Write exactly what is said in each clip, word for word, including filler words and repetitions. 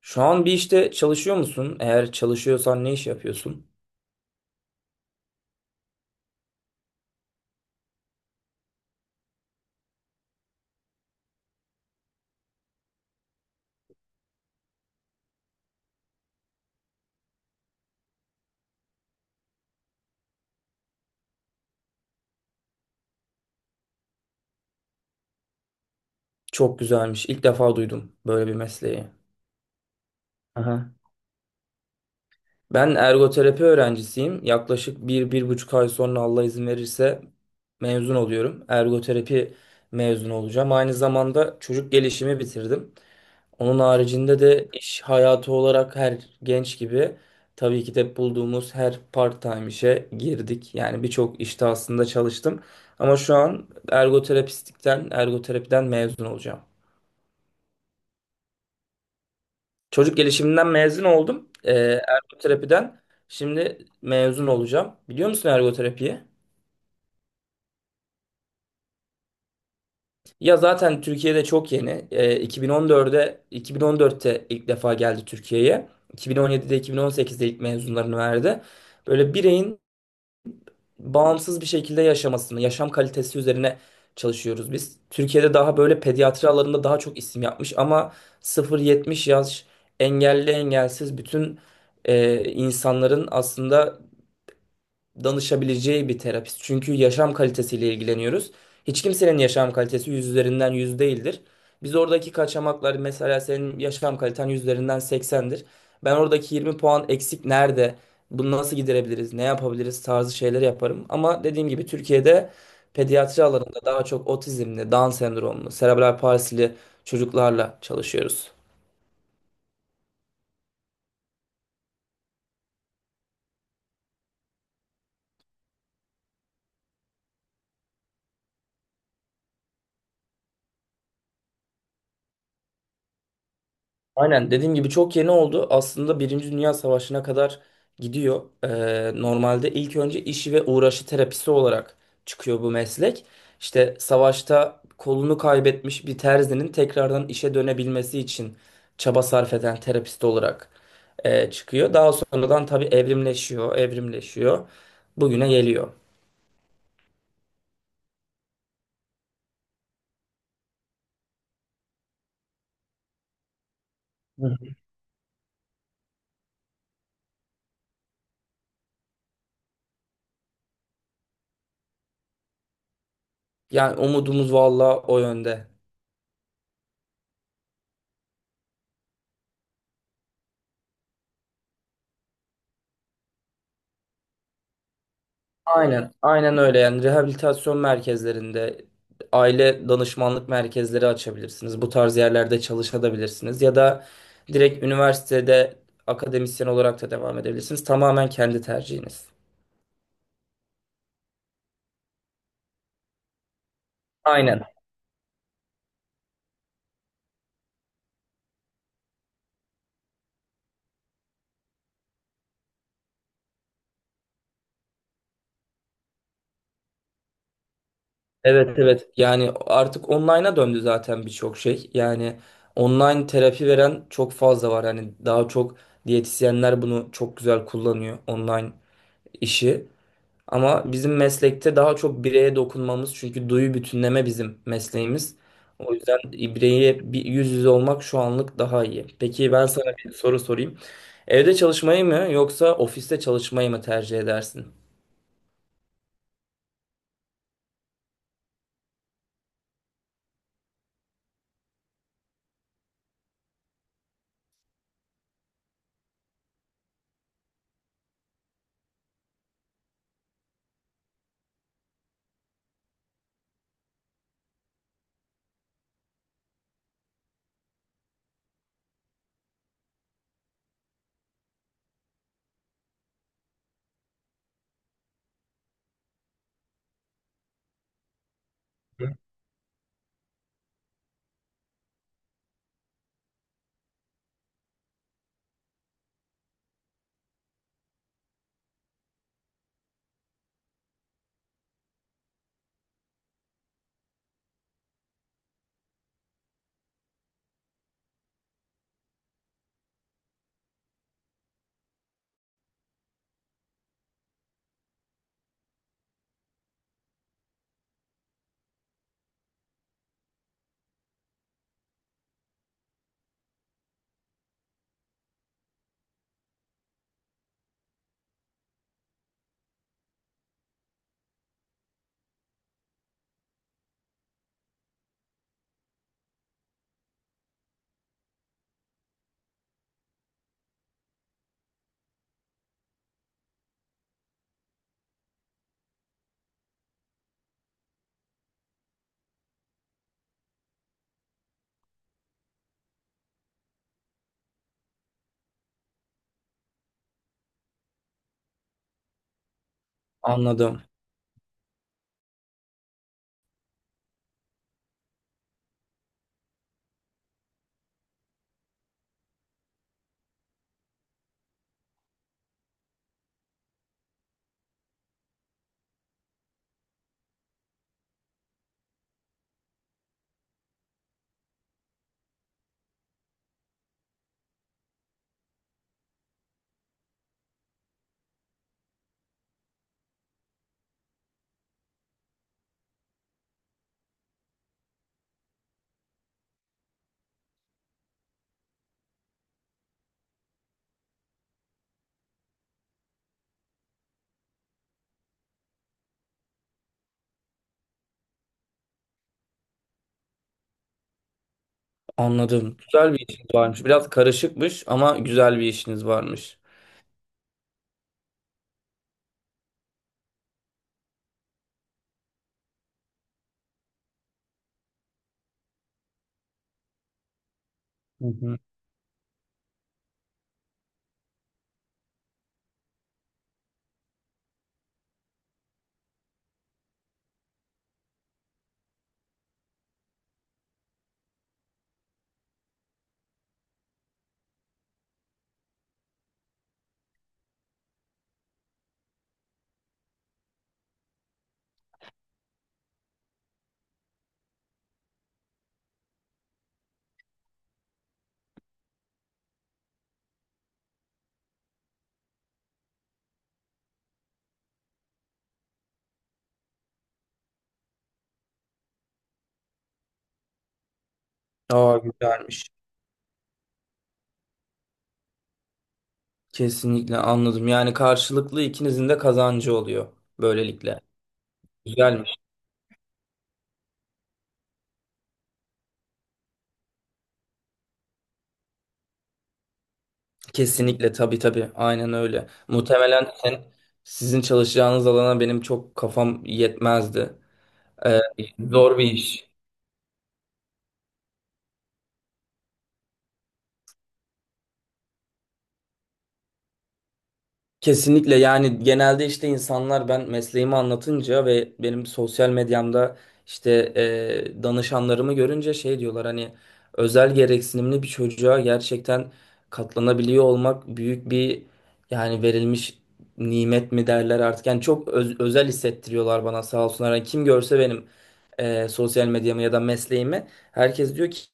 Şu an bir işte çalışıyor musun? Eğer çalışıyorsan ne iş yapıyorsun? Çok güzelmiş. İlk defa duydum böyle bir mesleği. Aha. Ben ergoterapi öğrencisiyim. Yaklaşık bir, bir buçuk ay sonra Allah izin verirse mezun oluyorum. Ergoterapi mezunu olacağım. Aynı zamanda çocuk gelişimi bitirdim. Onun haricinde de iş hayatı olarak her genç gibi tabii ki de bulduğumuz her part-time işe girdik. Yani birçok işte aslında çalıştım. Ama şu an ergoterapistlikten, ergoterapiden mezun olacağım. Çocuk gelişiminden mezun oldum. Ee, ergoterapiden şimdi mezun olacağım. Biliyor musun ergoterapiyi? Ya zaten Türkiye'de çok yeni. Ee, iki bin on dörde iki bin on dörtte ilk defa geldi Türkiye'ye. iki bin on yedide iki bin on sekizde ilk mezunlarını verdi. Böyle bireyin bağımsız bir şekilde yaşamasını, yaşam kalitesi üzerine çalışıyoruz biz. Türkiye'de daha böyle pediatri alanında daha çok isim yapmış ama sıfır yetmiş yaş engelli engelsiz bütün e, insanların aslında danışabileceği bir terapist. Çünkü yaşam kalitesiyle ilgileniyoruz. Hiç kimsenin yaşam kalitesi yüz üzerinden yüz değildir. Biz oradaki kaçamaklar, mesela senin yaşam kaliten yüz üzerinden seksendir. Ben oradaki yirmi puan eksik nerede? Bunu nasıl giderebiliriz? Ne yapabiliriz? Tarzı şeyler yaparım. Ama dediğim gibi Türkiye'de pediatri alanında daha çok otizmli, Down sendromlu, serebral palsili çocuklarla çalışıyoruz. Aynen dediğim gibi çok yeni oldu. Aslında Birinci Dünya Savaşı'na kadar gidiyor. Ee, normalde ilk önce işi ve uğraşı terapisi olarak çıkıyor bu meslek. İşte savaşta kolunu kaybetmiş bir terzinin tekrardan işe dönebilmesi için çaba sarf eden terapist olarak e, çıkıyor. Daha sonradan tabii evrimleşiyor, evrimleşiyor. Bugüne geliyor. Hı hı. Yani umudumuz valla o yönde. Aynen, aynen öyle, yani rehabilitasyon merkezlerinde, aile danışmanlık merkezleri açabilirsiniz. Bu tarz yerlerde çalışabilirsiniz ya da direkt üniversitede akademisyen olarak da devam edebilirsiniz. Tamamen kendi tercihiniz. Aynen. Evet, evet. Yani artık online'a döndü zaten birçok şey. Yani online terapi veren çok fazla var. Yani daha çok diyetisyenler bunu çok güzel kullanıyor online işi. Ama bizim meslekte daha çok bireye dokunmamız, çünkü duyu bütünleme bizim mesleğimiz. O yüzden bireye bir yüz yüze olmak şu anlık daha iyi. Peki ben sana bir soru sorayım. Evde çalışmayı mı yoksa ofiste çalışmayı mı tercih edersin? Anladım, anladım. Güzel bir işiniz varmış. Biraz karışıkmış ama güzel bir işiniz varmış. Hı hı. Aa, güzelmiş. Kesinlikle anladım. Yani karşılıklı ikinizin de kazancı oluyor böylelikle. Güzel mi? Kesinlikle, tabii tabii, aynen öyle. Muhtemelen sen, sizin çalışacağınız alana benim çok kafam yetmezdi. Ee, zor bir iş. Kesinlikle, yani genelde işte insanlar ben mesleğimi anlatınca ve benim sosyal medyamda işte e, danışanlarımı görünce şey diyorlar, hani özel gereksinimli bir çocuğa gerçekten katlanabiliyor olmak büyük bir, yani verilmiş nimet mi derler artık, yani çok öz- özel hissettiriyorlar bana, sağ olsunlar. Hani kim görse benim e, sosyal medyamı ya da mesleğimi, herkes diyor ki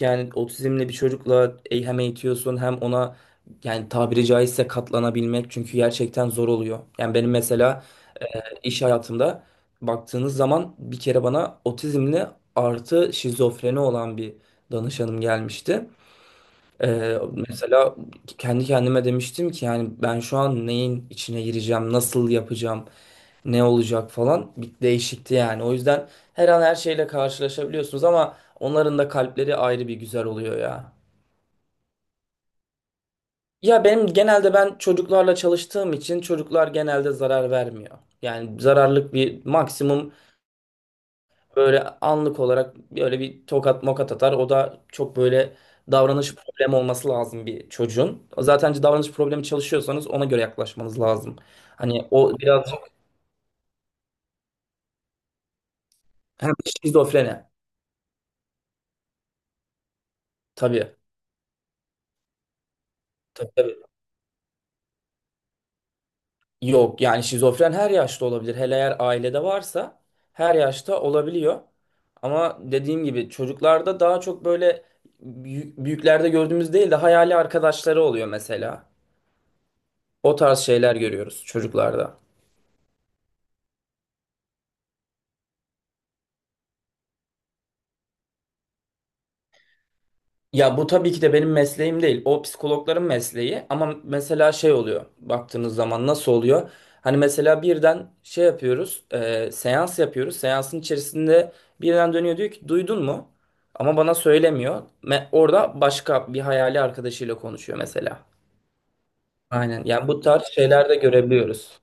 yani otizmli bir çocukla e- hem eğitiyorsun hem ona yani tabiri caizse katlanabilmek, çünkü gerçekten zor oluyor. Yani benim mesela e, iş hayatımda baktığınız zaman bir kere bana otizmli artı şizofreni olan bir danışanım gelmişti. Ee, mesela kendi kendime demiştim ki, yani ben şu an neyin içine gireceğim, nasıl yapacağım, ne olacak falan, bir değişikti yani. O yüzden her an her şeyle karşılaşabiliyorsunuz, ama onların da kalpleri ayrı bir güzel oluyor ya. Ya benim, genelde ben çocuklarla çalıştığım için, çocuklar genelde zarar vermiyor. Yani zararlık bir maksimum. Böyle anlık olarak böyle bir tokat mokat atar. O da çok böyle davranış problemi olması lazım bir çocuğun. Zaten davranış problemi çalışıyorsanız ona göre yaklaşmanız lazım. Hani o birazcık hem şizofreni. Tabii, tabii, tabii. Yok yani şizofren her yaşta olabilir. Hele eğer ailede varsa her yaşta olabiliyor. Ama dediğim gibi çocuklarda daha çok böyle büyük- büyüklerde gördüğümüz değil de hayali arkadaşları oluyor mesela. O tarz şeyler görüyoruz çocuklarda. Ya bu tabii ki de benim mesleğim değil. O psikologların mesleği. Ama mesela şey oluyor. Baktığınız zaman nasıl oluyor? Hani mesela birden şey yapıyoruz. e, seans yapıyoruz. Seansın içerisinde birden dönüyor, diyor ki duydun mu? Ama bana söylemiyor. Me- orada başka bir hayali arkadaşıyla konuşuyor mesela. Aynen. Yani bu tarz şeyler de görebiliyoruz.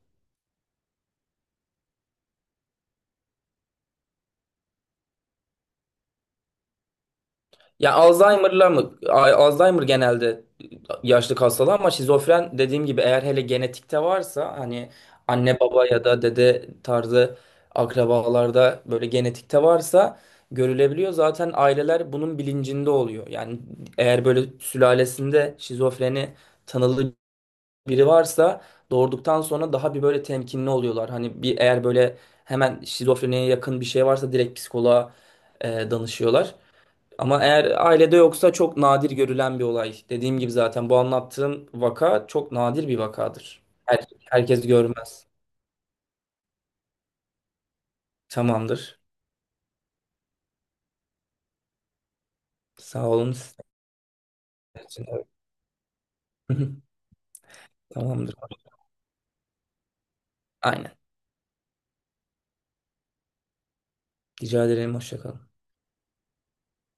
Ya Alzheimer'la mı? A- Alzheimer genelde yaşlık hastalığı, ama şizofren dediğim gibi, eğer hele genetikte varsa, hani anne baba ya da dede tarzı akrabalarda böyle genetikte varsa görülebiliyor. Zaten aileler bunun bilincinde oluyor. Yani eğer böyle sülalesinde şizofreni tanılı biri varsa, doğurduktan sonra daha bir böyle temkinli oluyorlar. Hani bir eğer böyle hemen şizofreniye yakın bir şey varsa direkt psikoloğa e, danışıyorlar. Ama eğer ailede yoksa çok nadir görülen bir olay. Dediğim gibi zaten bu anlattığım vaka çok nadir bir vakadır. Her- herkes görmez. Tamamdır. Sağ olun sizin için. Evet. Tamamdır. Aynen. Rica ederim. Hoşça kalın.